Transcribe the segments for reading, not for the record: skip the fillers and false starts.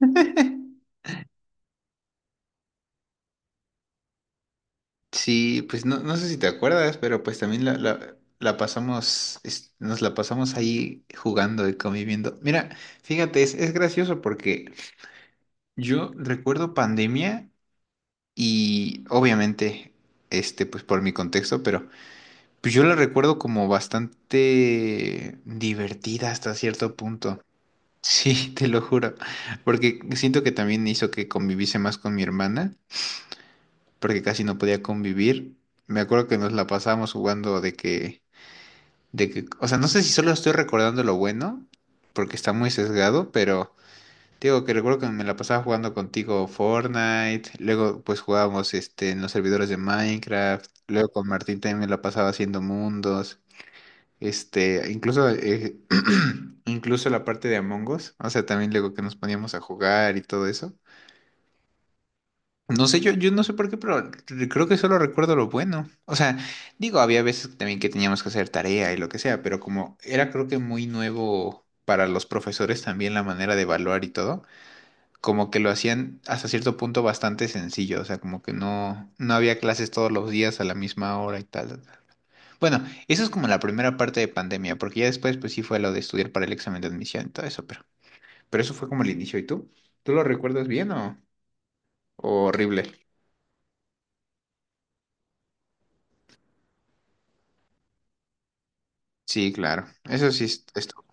Sí, pues no, no sé si te acuerdas, pero pues también la pasamos, nos la pasamos ahí jugando y conviviendo. Mira, fíjate, es gracioso porque yo recuerdo pandemia y obviamente, pues por mi contexto, pero pues yo la recuerdo como bastante divertida hasta cierto punto. Sí, te lo juro, porque siento que también hizo que conviviese más con mi hermana, porque casi no podía convivir. Me acuerdo que nos la pasábamos jugando de que, o sea, no sé si solo estoy recordando lo bueno, porque está muy sesgado, pero te digo que recuerdo que me la pasaba jugando contigo Fortnite, luego pues jugábamos en los servidores de Minecraft, luego con Martín también me la pasaba haciendo mundos, este, incluso incluso la parte de Among Us, o sea, también luego que nos poníamos a jugar y todo eso. No sé, yo no sé por qué, pero creo que solo recuerdo lo bueno. O sea, digo, había veces también que teníamos que hacer tarea y lo que sea, pero como era creo que muy nuevo para los profesores también la manera de evaluar y todo, como que lo hacían hasta cierto punto bastante sencillo, o sea, como que no había clases todos los días a la misma hora y tal, tal, tal. Bueno, eso es como la primera parte de pandemia, porque ya después pues sí fue lo de estudiar para el examen de admisión y todo eso, pero eso fue como el inicio. ¿Y tú? ¿Tú lo recuerdas bien o horrible? Sí, claro. Eso sí, esto.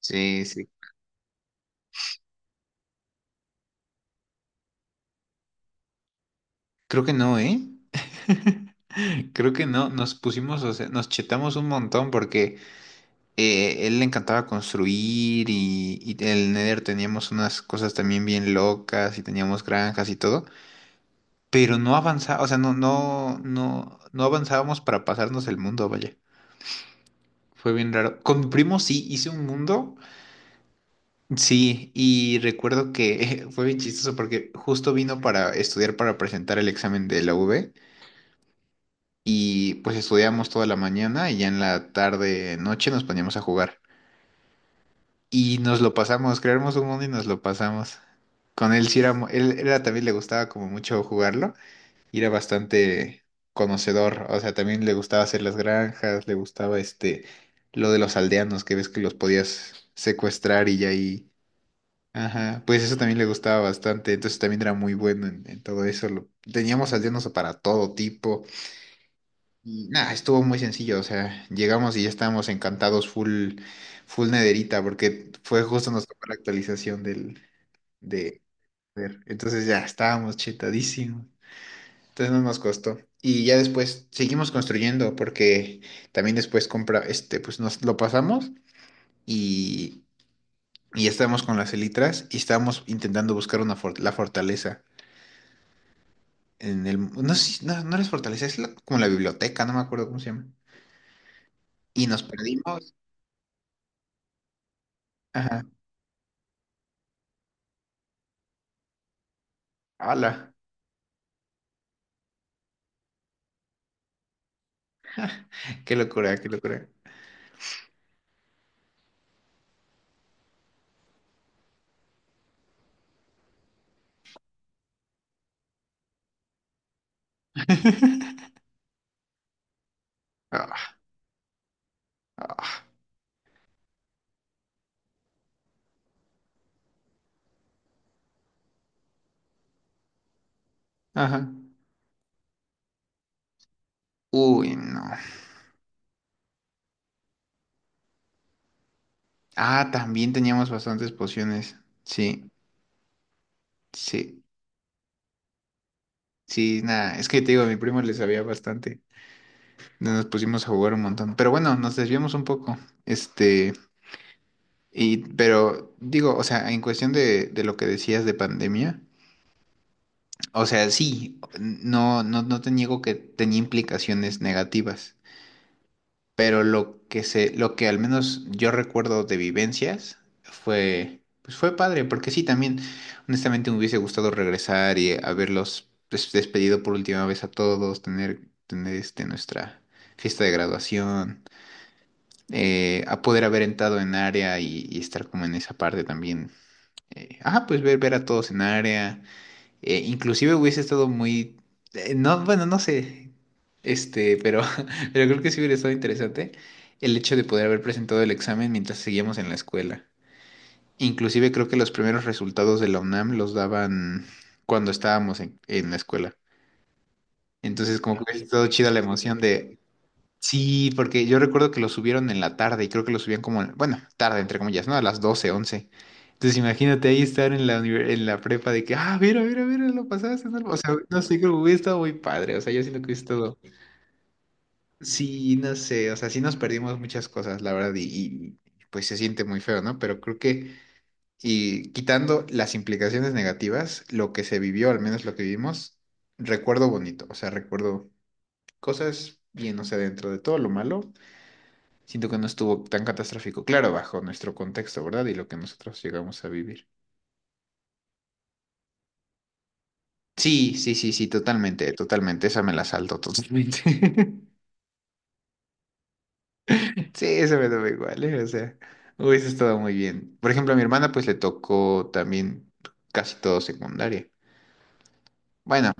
Sí, sí. Creo que no, ¿eh? Creo que no. Nos pusimos, o sea, nos chetamos un montón porque él le encantaba construir y el Nether teníamos unas cosas también bien locas y teníamos granjas y todo, pero no avanzaba, o sea, no avanzábamos para pasarnos el mundo, vaya. Fue bien raro. Con mi primo sí hice un mundo, sí, y recuerdo que fue bien chistoso porque justo vino para estudiar para presentar el examen de la U V, y pues estudiamos toda la mañana y ya en la tarde, noche nos poníamos a jugar. Y nos lo pasamos, creamos un mundo y nos lo pasamos. Con él sí era, él era también le gustaba como mucho jugarlo y era bastante conocedor, o sea, también le gustaba hacer las granjas, le gustaba lo de los aldeanos, que ves que los podías secuestrar y ya ahí, ajá, pues eso también le gustaba bastante, entonces también era muy bueno en todo eso, teníamos aldeanos para todo tipo. Y nada, estuvo muy sencillo, o sea, llegamos y ya estábamos encantados full, full nederita, porque fue justo nos tocó la actualización del, de, ver, entonces ya estábamos chetadísimos, entonces no nos costó. Y ya después seguimos construyendo, porque también después compra, pues nos lo pasamos y, y ya estábamos con las elitras y estábamos intentando buscar una la fortaleza en el, no sé, no es fortaleza, como la biblioteca, no me acuerdo cómo se llama. Y nos perdimos, ajá, ala. Qué locura, qué locura. Ah, ah, ajá. Uy, no. Ah, también teníamos bastantes pociones. Sí, sí, sí, nada. Es que te digo, a mi primo le sabía bastante. No, nos pusimos a jugar un montón. Pero bueno, nos desviamos un poco. Este, pero digo, o sea, en cuestión de lo que decías de pandemia, o sea, sí, no te niego que tenía implicaciones negativas. Pero lo lo que al menos yo recuerdo de vivencias fue, pues fue padre, porque sí, también, honestamente, me hubiese gustado regresar y haberlos despedido por última vez a todos, tener, tener nuestra fiesta de graduación, a poder haber entrado en área y estar como en esa parte también. Pues ver, ver a todos en área. Inclusive hubiese estado muy... no, bueno, no sé. Pero, pero creo que sí hubiera estado interesante el hecho de poder haber presentado el examen mientras seguíamos en la escuela. Inclusive creo que los primeros resultados de la UNAM los daban cuando estábamos en la escuela. Entonces como que hubiese estado chida la emoción de, sí, porque yo recuerdo que lo subieron en la tarde y creo que lo subían como, bueno, tarde, entre comillas, ¿no? A las 12 11. Entonces imagínate ahí estar en la, en la prepa de que, ah, mira, mira, mira, lo pasaste, ¿no? O sea, no sé, creo que hubiera estado muy padre. O sea, yo siento que hubiera estado... Sí, no sé, o sea, sí nos perdimos muchas cosas, la verdad, pues se siente muy feo, ¿no? Pero creo que, y quitando las implicaciones negativas, lo que se vivió, al menos lo que vivimos, recuerdo bonito, o sea, recuerdo cosas bien, o sea, dentro de todo lo malo siento que no estuvo tan catastrófico. Claro, bajo nuestro contexto, ¿verdad? Y lo que nosotros llegamos a vivir. Sí, sí, sí, sí, totalmente, totalmente. Esa me la salto totalmente. Sí, esa me daba igual, ¿eh? O sea, hubiese estado muy bien. Por ejemplo, a mi hermana pues le tocó también casi todo secundaria. Bueno,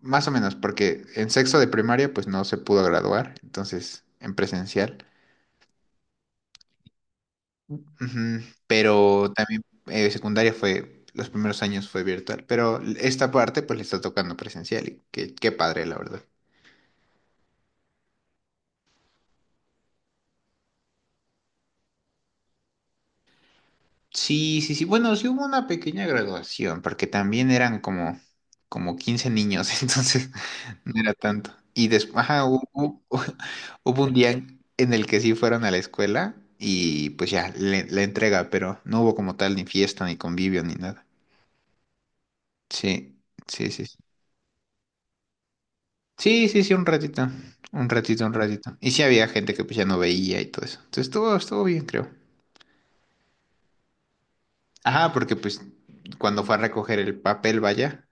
más o menos, porque en sexto de primaria pues no se pudo graduar, entonces en presencial. Ujú. Pero también secundaria fue, los primeros años fue virtual, pero esta parte pues le está tocando presencial y qué, qué padre, la verdad. Sí, sí, sí, bueno, sí hubo una pequeña graduación, porque también eran como, como 15 niños, entonces no era tanto. Y después, ajá, hubo, hubo hubo un día en el que sí fueron a la escuela y pues ya, la entrega, pero no hubo como tal ni fiesta, ni convivio, ni nada. Sí, sí, sí, sí. Sí, sí, sí, un ratito. Un ratito, un ratito. Y sí había gente que pues ya no veía y todo eso. Entonces estuvo, estuvo bien, creo. Ajá, porque pues cuando fue a recoger el papel, vaya,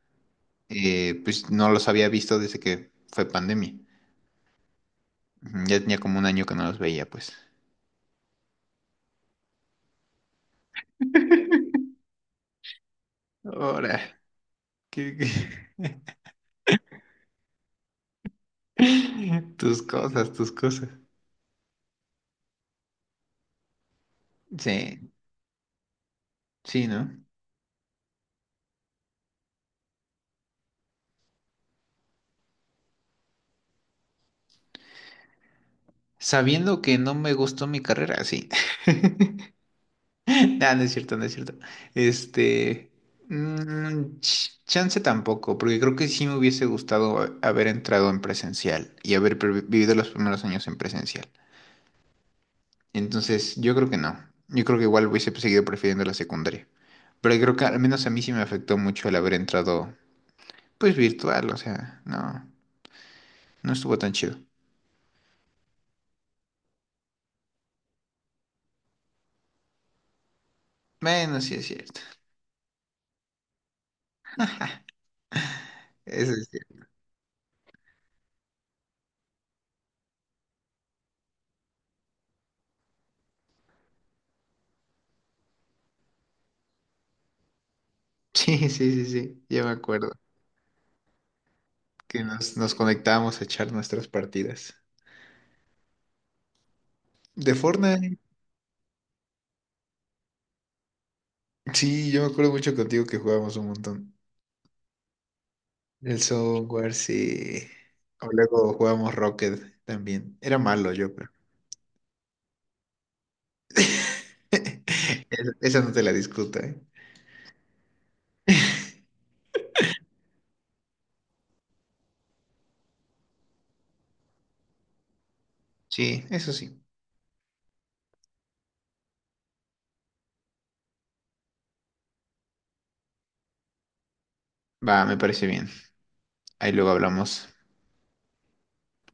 pues no los había visto desde que fue pandemia. Ujú, ya tenía como un año que no los veía, pues. Ahora, qué- qué- Tus cosas, tus cosas. Sí, sí, ¿no? Sabiendo que no me gustó mi carrera, sí. Nah, no es cierto, no es cierto. Este, chance tampoco, porque creo que sí me hubiese gustado haber entrado en presencial y haber vivido los primeros años en presencial. Entonces, yo creo que no. Yo creo que igual hubiese seguido prefiriendo la secundaria. Pero creo que al menos a mí sí me afectó mucho el haber entrado, pues virtual, o sea, no, no estuvo tan chido. Bueno, sí es cierto. Eso es cierto. Sí, sí, sí, sí, ya me acuerdo que nos conectábamos a echar nuestras partidas. De Fortnite. Sí, yo me acuerdo mucho contigo que jugábamos un montón. El software, sí. O luego jugábamos Rocket también. Era malo yo, pero. Esa esa no te la discuta, ¿eh? Sí, eso sí. Va, me parece bien. Ahí luego hablamos.